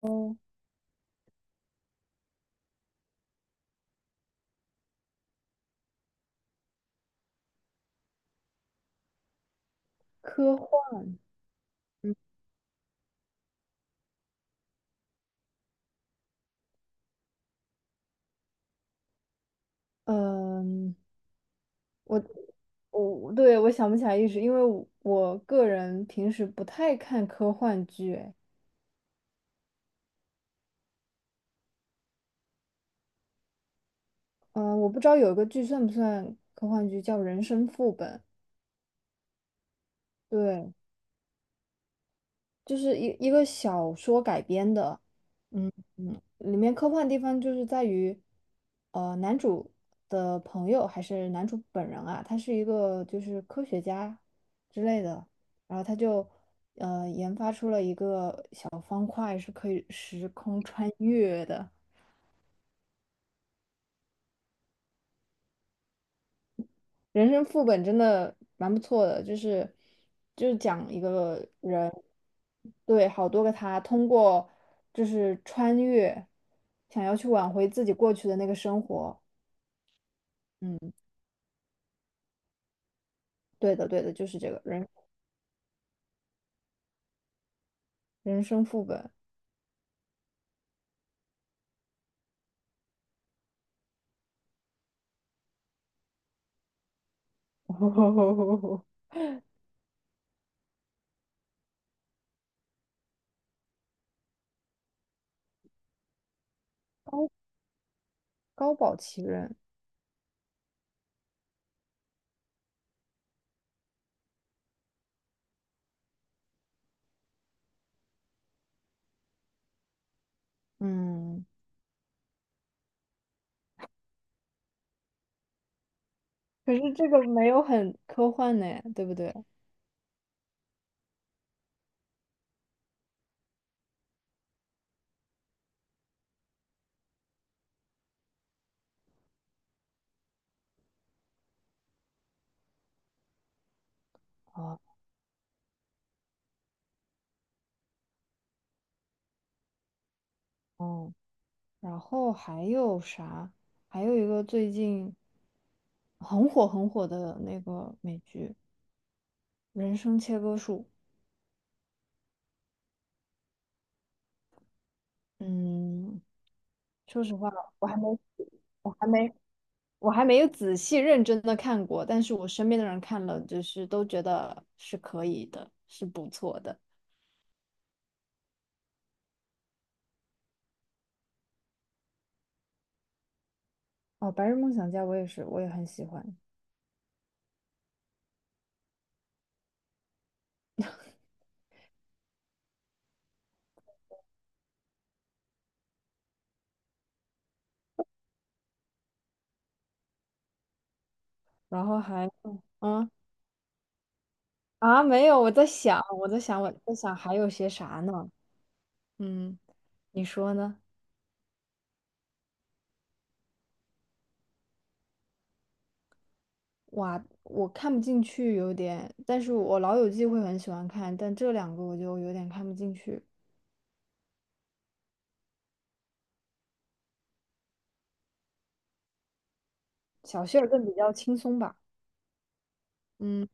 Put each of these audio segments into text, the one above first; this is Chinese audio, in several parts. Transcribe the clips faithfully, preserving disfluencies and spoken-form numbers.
哦，科幻，嗯，嗯，我我对我想不起来一时，因为我我个人平时不太看科幻剧，哎，嗯，我不知道有一个剧算不算科幻剧，叫《人生副本》。对，就是一一个小说改编的。嗯嗯，里面科幻地方就是在于，呃，男主的朋友还是男主本人啊，他是一个就是科学家之类的。然后他就呃研发出了一个小方块是可以时空穿越的。人生副本真的蛮不错的，就是就是讲一个。对，好多个他通过就是穿越，想要去挽回自己过去的那个生活。嗯，对的，对的，就是这个人。人生副本，高高保奇人。嗯，可是这个没有很科幻呢，对不对？哦哦，然后还有啥？还有一个最近很火很火的那个美剧《人生切割术》。嗯，说实话，我还没，我还没，我还没有仔细认真的看过，但是我身边的人看了，就是都觉得是可以的，是不错的。哦，《白日梦想家》我也是，我也很喜欢。然后还，嗯啊，没有，我在想，我在想，我在想还有些啥呢？嗯，你说呢？哇，我看不进去有点，但是我《老友记》会很喜欢看，但这两个我就有点看不进去。小谢儿更比较轻松吧。嗯。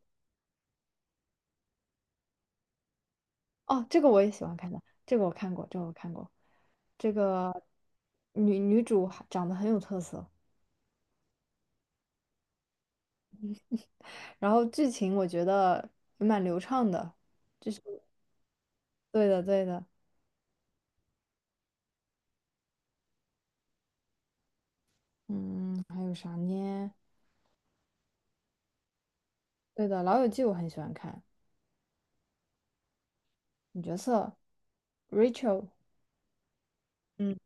哦，这个我也喜欢看的，这个我看过，这个我看过。这个女女主还长得很有特色，然后剧情我觉得也蛮流畅的。对的，对的，嗯，还有啥呢？对的，《老友记》我很喜欢看，女角色 Rachel，嗯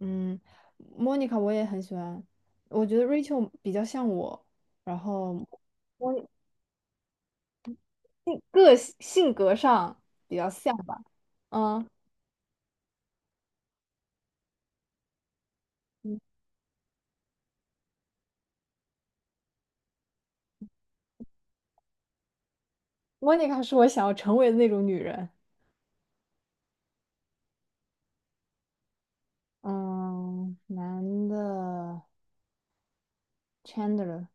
嗯，Monica 我也很喜欢，我觉得 Rachel 比较像我，然后我个性性格上比较像吧，嗯。莫妮卡是我想要成为的那种女人。嗯，男的 Chandler，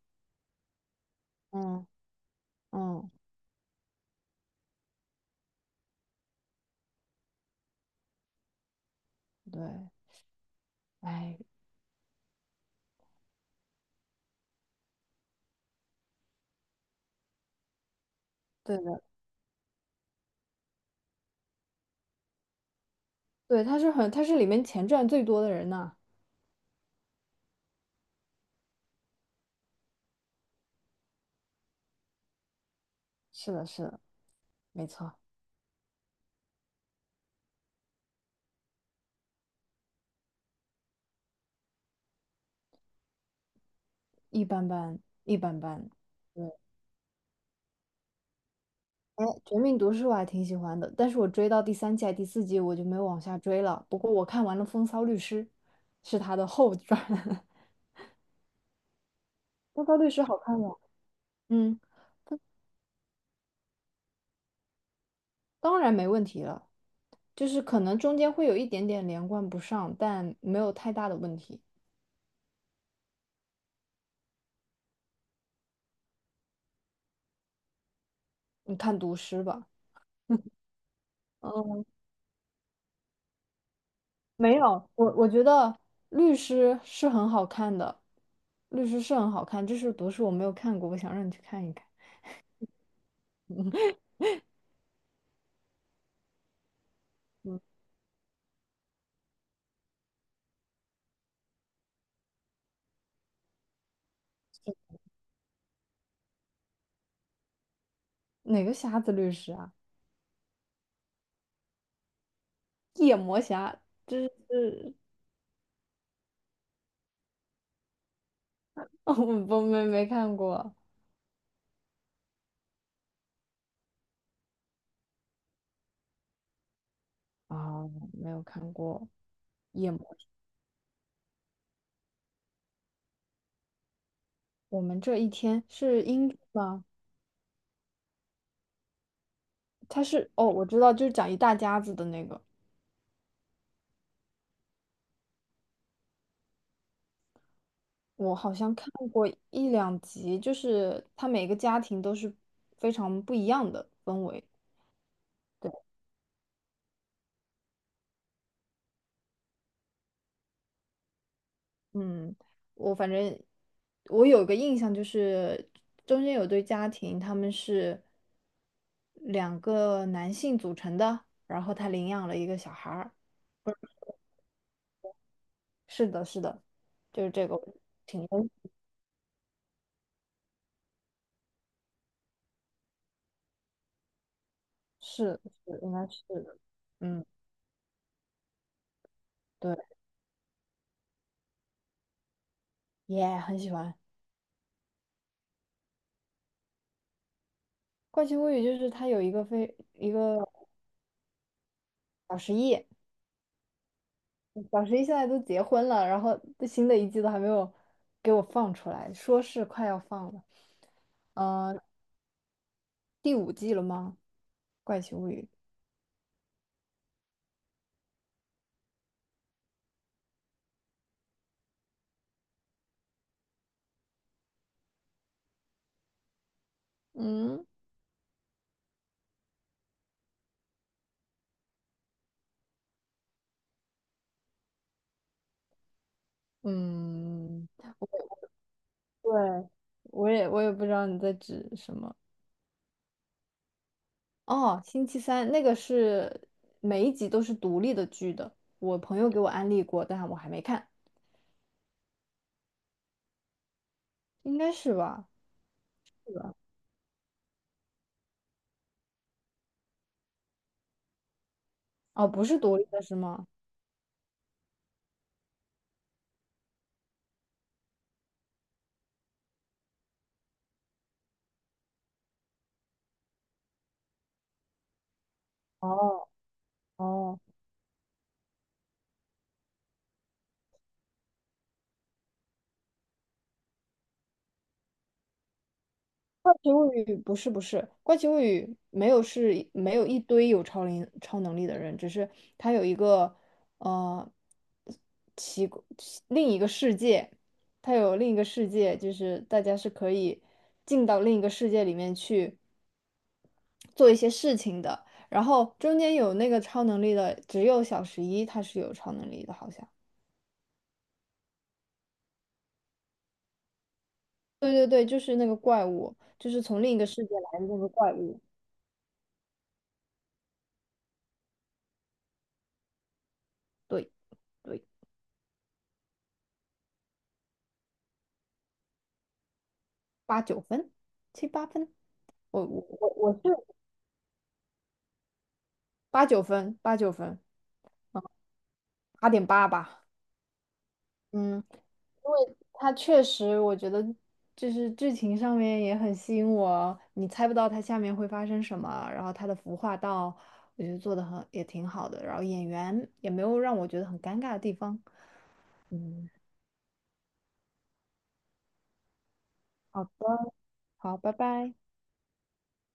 嗯嗯，对，哎，对的，对，他是很，他是里面钱赚最多的人呢。是的，是的，没错，一般般，一般般。对，哎，《绝命毒师》我还挺喜欢的，但是我追到第三季、还第四季我就没有往下追了。不过我看完了《风骚律师》，是他的后传。《风骚律师》好看吗？嗯。当然没问题了，就是可能中间会有一点点连贯不上，但没有太大的问题。你看读诗吧。嗯，没有，我我觉得律师是很好看的，律师是很好看，这是读诗我没有看过，我想让你去看一看。嗯，哪个瞎子律师啊？夜魔侠，这是 我我没没看过啊，没有看过夜魔侠。我们这一天是英剧吗？它是哦，我知道，就是讲一大家子的那个。我好像看过一两集，就是他每个家庭都是非常不一样的氛围。嗯，我反正我有个印象，就是中间有对家庭，他们是两个男性组成的，然后他领养了一个小孩儿。是的，是的，就是这个。挺是是应该是的，嗯，对，也、很喜欢《怪奇物语》，就是它有一个非一个小实验。小十一现在都结婚了，然后这新的一季都还没有给我放出来，说是快要放了。呃，第五季了吗？《怪奇物语》。嗯，嗯，对，我也我也不知道你在指什么。哦，星期三那个是每一集都是独立的剧的，我朋友给我安利过，但我还没看，应该是吧？是吧？哦，不是独立的是吗？哦哦。奇物语不是不是，怪奇物语没有是没有一堆有超灵超能力的人，只是他有一个呃奇怪奇另一个世界，他有另一个世界，就是大家是可以进到另一个世界里面去做一些事情的。然后中间有那个超能力的，只有小十一他是有超能力的，好像。对对对，就是那个怪物，就是从另一个世界来的那个怪物。对对，八九分，七八分。我我我我是八九分，八九分，八点八吧。嗯，因为他确实，我觉得就是剧情上面也很吸引我，你猜不到它下面会发生什么，然后它的服化道，我觉得做的很也挺好的，然后演员也没有让我觉得很尴尬的地方。嗯，好的，好，拜拜。